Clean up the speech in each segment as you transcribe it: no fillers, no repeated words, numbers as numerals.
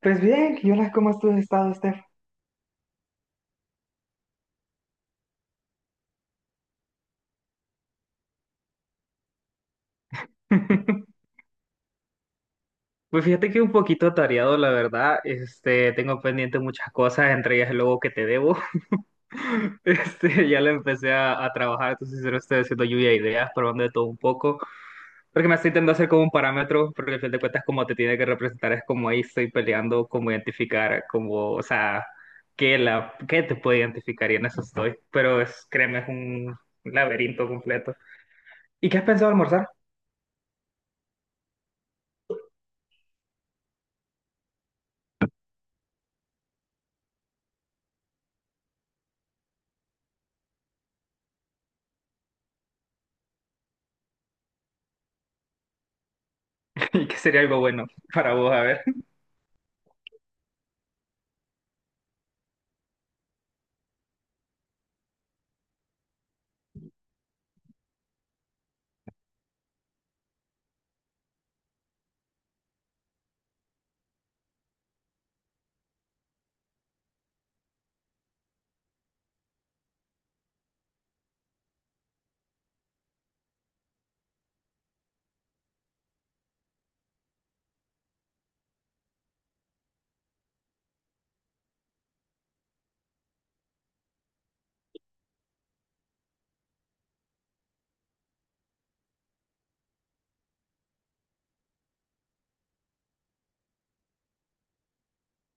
Pues bien, ¿y hola, cómo has tú estado, Steph? Pues fíjate que un poquito atareado, la verdad. Este, tengo pendiente muchas cosas, entre ellas el logo que te debo. Este, ya le empecé a trabajar, entonces sincero, estoy haciendo lluvia de ideas, probando de todo un poco. Porque me estoy intentando hacer como un parámetro, porque al fin de cuentas, como te tiene que representar, es como ahí estoy peleando, como identificar, como, o sea, qué te puede identificar, y en eso estoy. Pero es, créeme, es un laberinto completo. ¿Y qué has pensado almorzar? ¿Y qué sería algo bueno para vos? A ver.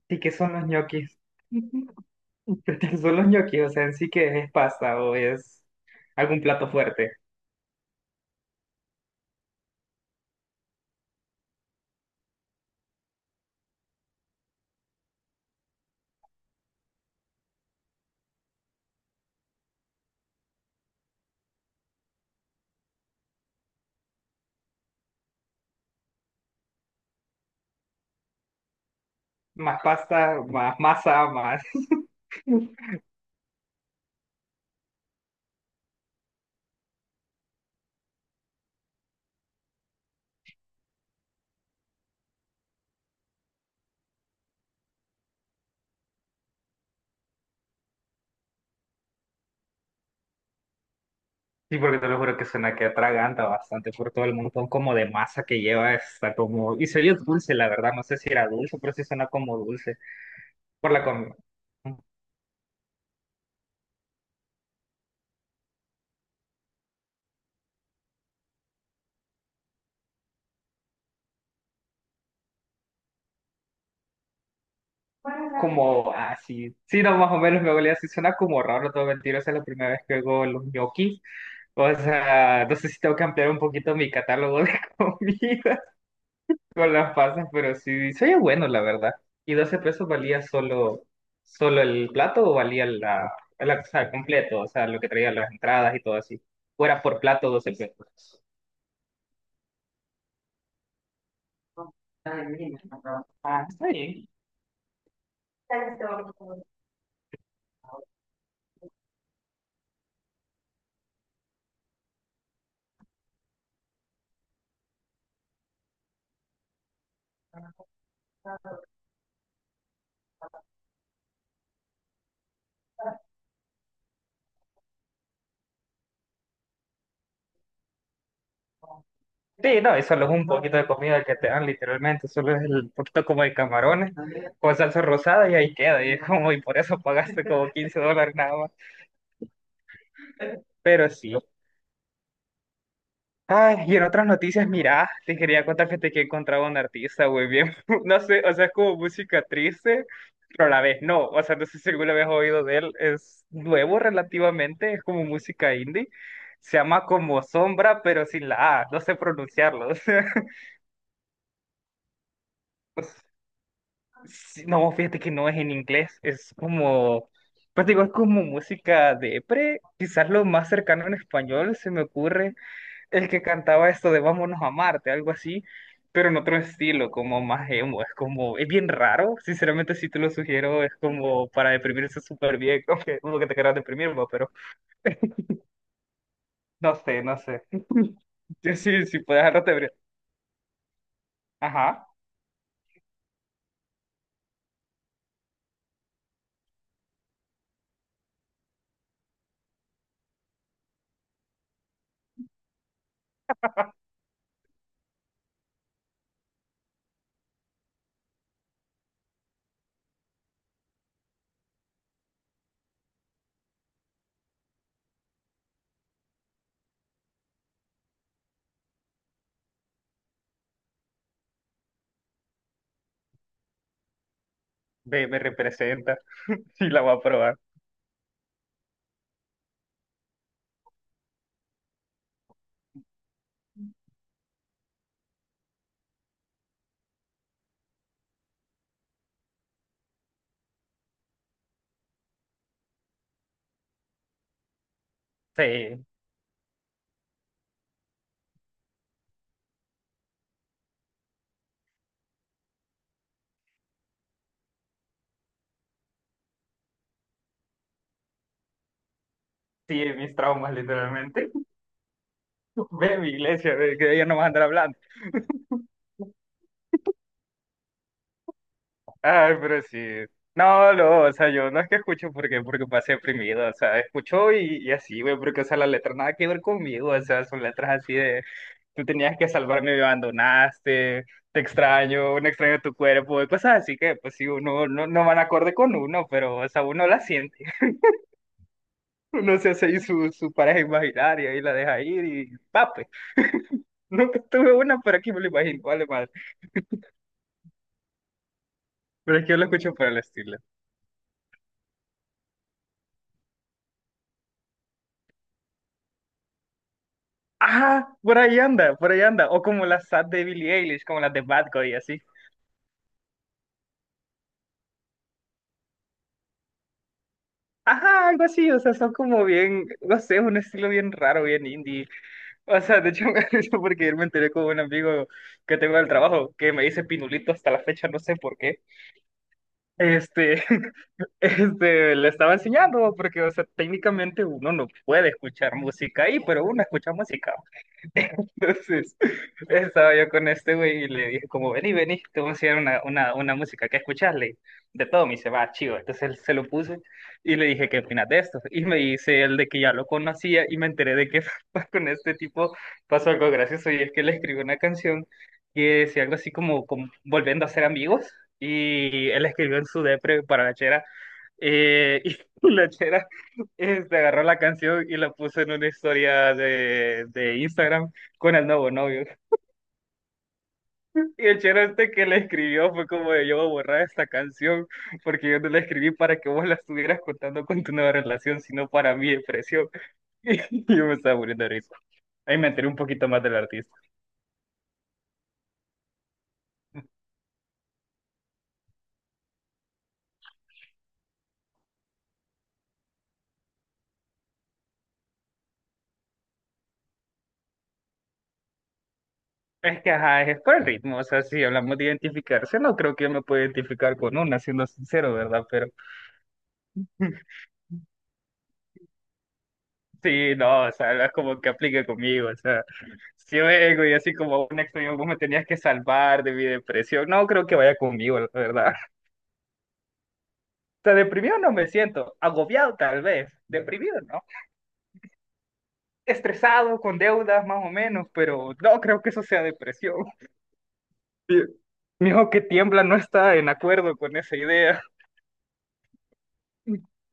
¿Y qué son los ñoquis? ¿Pero qué son los ñoquis? O sea, en sí, que es? ¿Pasta o es algún plato fuerte? Más pasta, más masa, más... Sí, porque te lo juro que suena que atraganta bastante por todo el montón como de masa que lleva. Está como... Y se oye dulce, la verdad. No sé si era dulce, pero sí suena como dulce. Por la comida. Como así. Sí, sí, no, más o menos me olía así. Suena como raro, no te voy a mentir. Esa es la primera vez que oigo los ñoquis. O sea, no sé si tengo que ampliar un poquito mi catálogo de comidas con las pasas, pero sí, se oye bueno, la verdad. ¿Y 12 pesos valía solo el plato o valía o sea, completo? O sea, lo que traía las entradas y todo así. Fuera por plato 12 pesos. Ah, está bien. Sí, no, y solo es un poquito de comida que te dan, literalmente. Solo es el poquito como de camarones con salsa rosada y ahí queda. Y es como, y por eso pagaste como 15 dólares nada más. Pero sí. Ay, y en otras noticias, mira, te quería contar, fíjate, que he encontrado a un artista, güey, bien, no sé, o sea, es como música triste, pero a la vez no, o sea, no sé si alguna vez has oído de él, es nuevo relativamente, es como música indie, se llama como Sombra, pero sin la A, no sé pronunciarlo, o sea, sí, no, fíjate que no es en inglés, es como, pues digo, es como música de pre, quizás lo más cercano en español se me ocurre, el que cantaba esto de Vámonos a Marte, algo así, pero en otro estilo, como más emo, es como, es bien raro, sinceramente si te lo sugiero, es como para deprimirse súper bien, como que uno que te quieras deprimir, ¿no? Pero no sé, no sé. Yo sí, sí puedes dejarlo te ajá, ve, me representa, sí la voy a probar, sí, sí, mis traumas literalmente, ve a mi iglesia, ve, que ella no va a andar hablando. Ay, pero sí. No, no, o sea, yo no es que escucho porque, porque pase deprimido, o sea, escucho y así, güey, porque, o sea, la letra nada que ver conmigo, o sea, son letras así de, tú tenías que salvarme, me abandonaste, te extraño, un extraño de tu cuerpo, y cosas así que, pues sí, uno no, no van acorde con uno, pero, o sea, uno la siente, uno se hace ahí su pareja imaginaria y la deja ir y, pape, nunca tuve una, pero aquí me lo imagino, vale, madre, pero es que yo lo escucho por el estilo. Ajá, por ahí anda, por ahí anda. O como las sad de Billie Eilish, como las de Bad Guy, así. Ajá, algo así, o sea, son como bien, no sé, un estilo bien raro, bien indie. O sea, de hecho, me da risa porque ayer me enteré con un amigo que tengo del trabajo que me dice Pinulito hasta la fecha, no sé por qué. Este, este, le estaba enseñando, porque, o sea, técnicamente uno no puede escuchar música ahí, pero uno escucha música. Entonces, estaba yo con este güey y le dije como, vení, vení, te voy a enseñar una música que escucharle. De todo me dice, va, chido. Entonces él se lo puse y le dije, ¿qué opinas de esto? Y me dice él de que ya lo conocía y me enteré de que con este tipo pasó algo gracioso y es que le escribió una canción que decía algo así como, como volviendo a ser amigos y él escribió en su depre para la chera, eh, y la chera, este, agarró la canción y la puso en una historia de Instagram con el nuevo novio. Y el chero este que le escribió fue como de, yo voy a borrar esta canción porque yo no la escribí para que vos la estuvieras contando con tu nueva relación, sino para mi depresión. Y yo me estaba muriendo de risa. Ahí me enteré un poquito más del artista. Es que, ajá, es por el ritmo. O sea, si hablamos de identificarse, no creo que yo me pueda identificar con una, siendo sincero, ¿verdad? Pero sí, no, o sea, es como que aplique conmigo, o sea. Sí, ego y así como un extraño, vos me tenías que salvar de mi depresión. No creo que vaya conmigo, la verdad. O sea, deprimido no me siento, agobiado tal vez, ¿deprimido? ¿No? Estresado, con deudas más o menos, pero no creo que eso sea depresión. Mi mi hijo que tiembla no está en acuerdo con esa idea.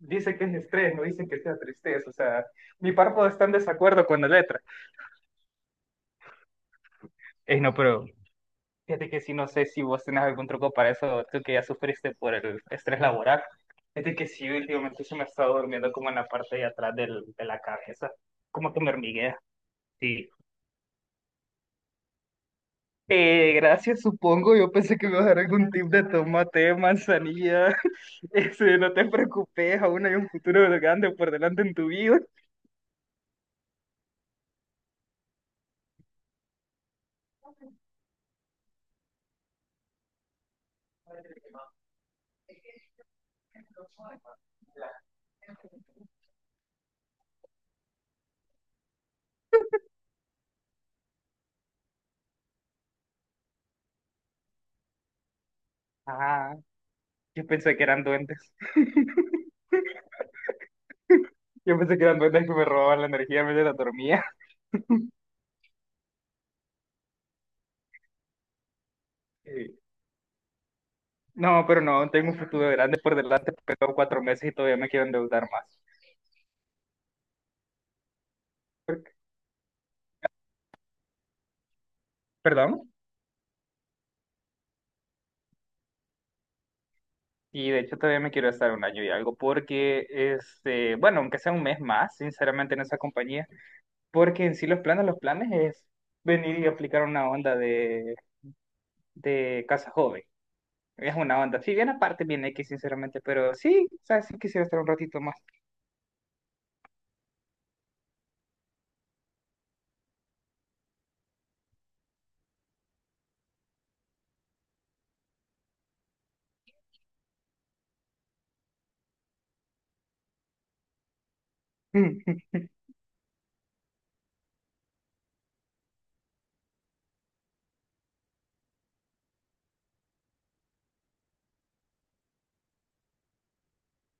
Dice que es estrés, no dice que sea tristeza, o sea, mi párpado está en desacuerdo con la letra. Ey, no, pero fíjate que sí, no sé si vos tenés algún truco para eso, tú que ya sufriste por el estrés laboral. Fíjate que sí, últimamente se me ha estado durmiendo como en la parte de atrás de la cabeza, como que me hormiguea. Sí. Gracias, supongo. Yo pensé que me ibas a dar algún tip de tomate, manzanilla. Ese, no te preocupes, aún hay un futuro grande por delante en tu vida. Ah, yo pensé que eran duendes. Yo pensé que eran duendes que me robaban la energía mientras dormía. No, pero no, tengo un futuro grande por delante, porque tengo 4 meses y todavía me quiero endeudar más. ¿Perdón? Y de hecho todavía me quiero estar un año y algo, porque, este, bueno, aunque sea un mes más, sinceramente, en esa compañía, porque en sí los planes es venir y aplicar una onda de casa joven. Es una onda, si bien aparte viene X, sinceramente, pero sí, o sea, sí quisiera estar un ratito más.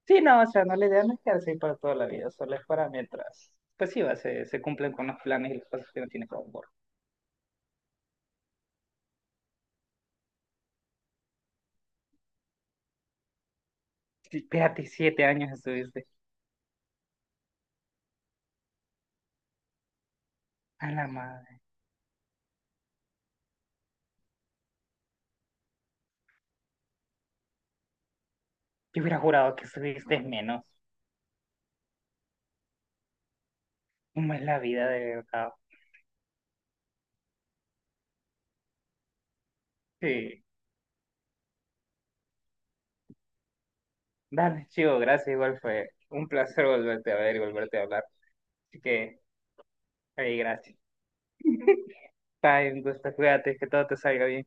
Sí, no, o sea, no, la idea no es quedarse ahí para toda la vida, solo es para mientras, pues sí, va, se cumplen con los planes y las cosas que no tiene como sí. Espérate, 7 años estuviste. A la madre. Yo hubiera jurado que estuviste menos. ¿Cómo es la vida de verdad? Sí. Dale, chico, gracias. Igual fue un placer volverte a ver y volverte a hablar. Así que, ahí, gracias. Bye, un gusto. Cuídate, que todo te salga bien.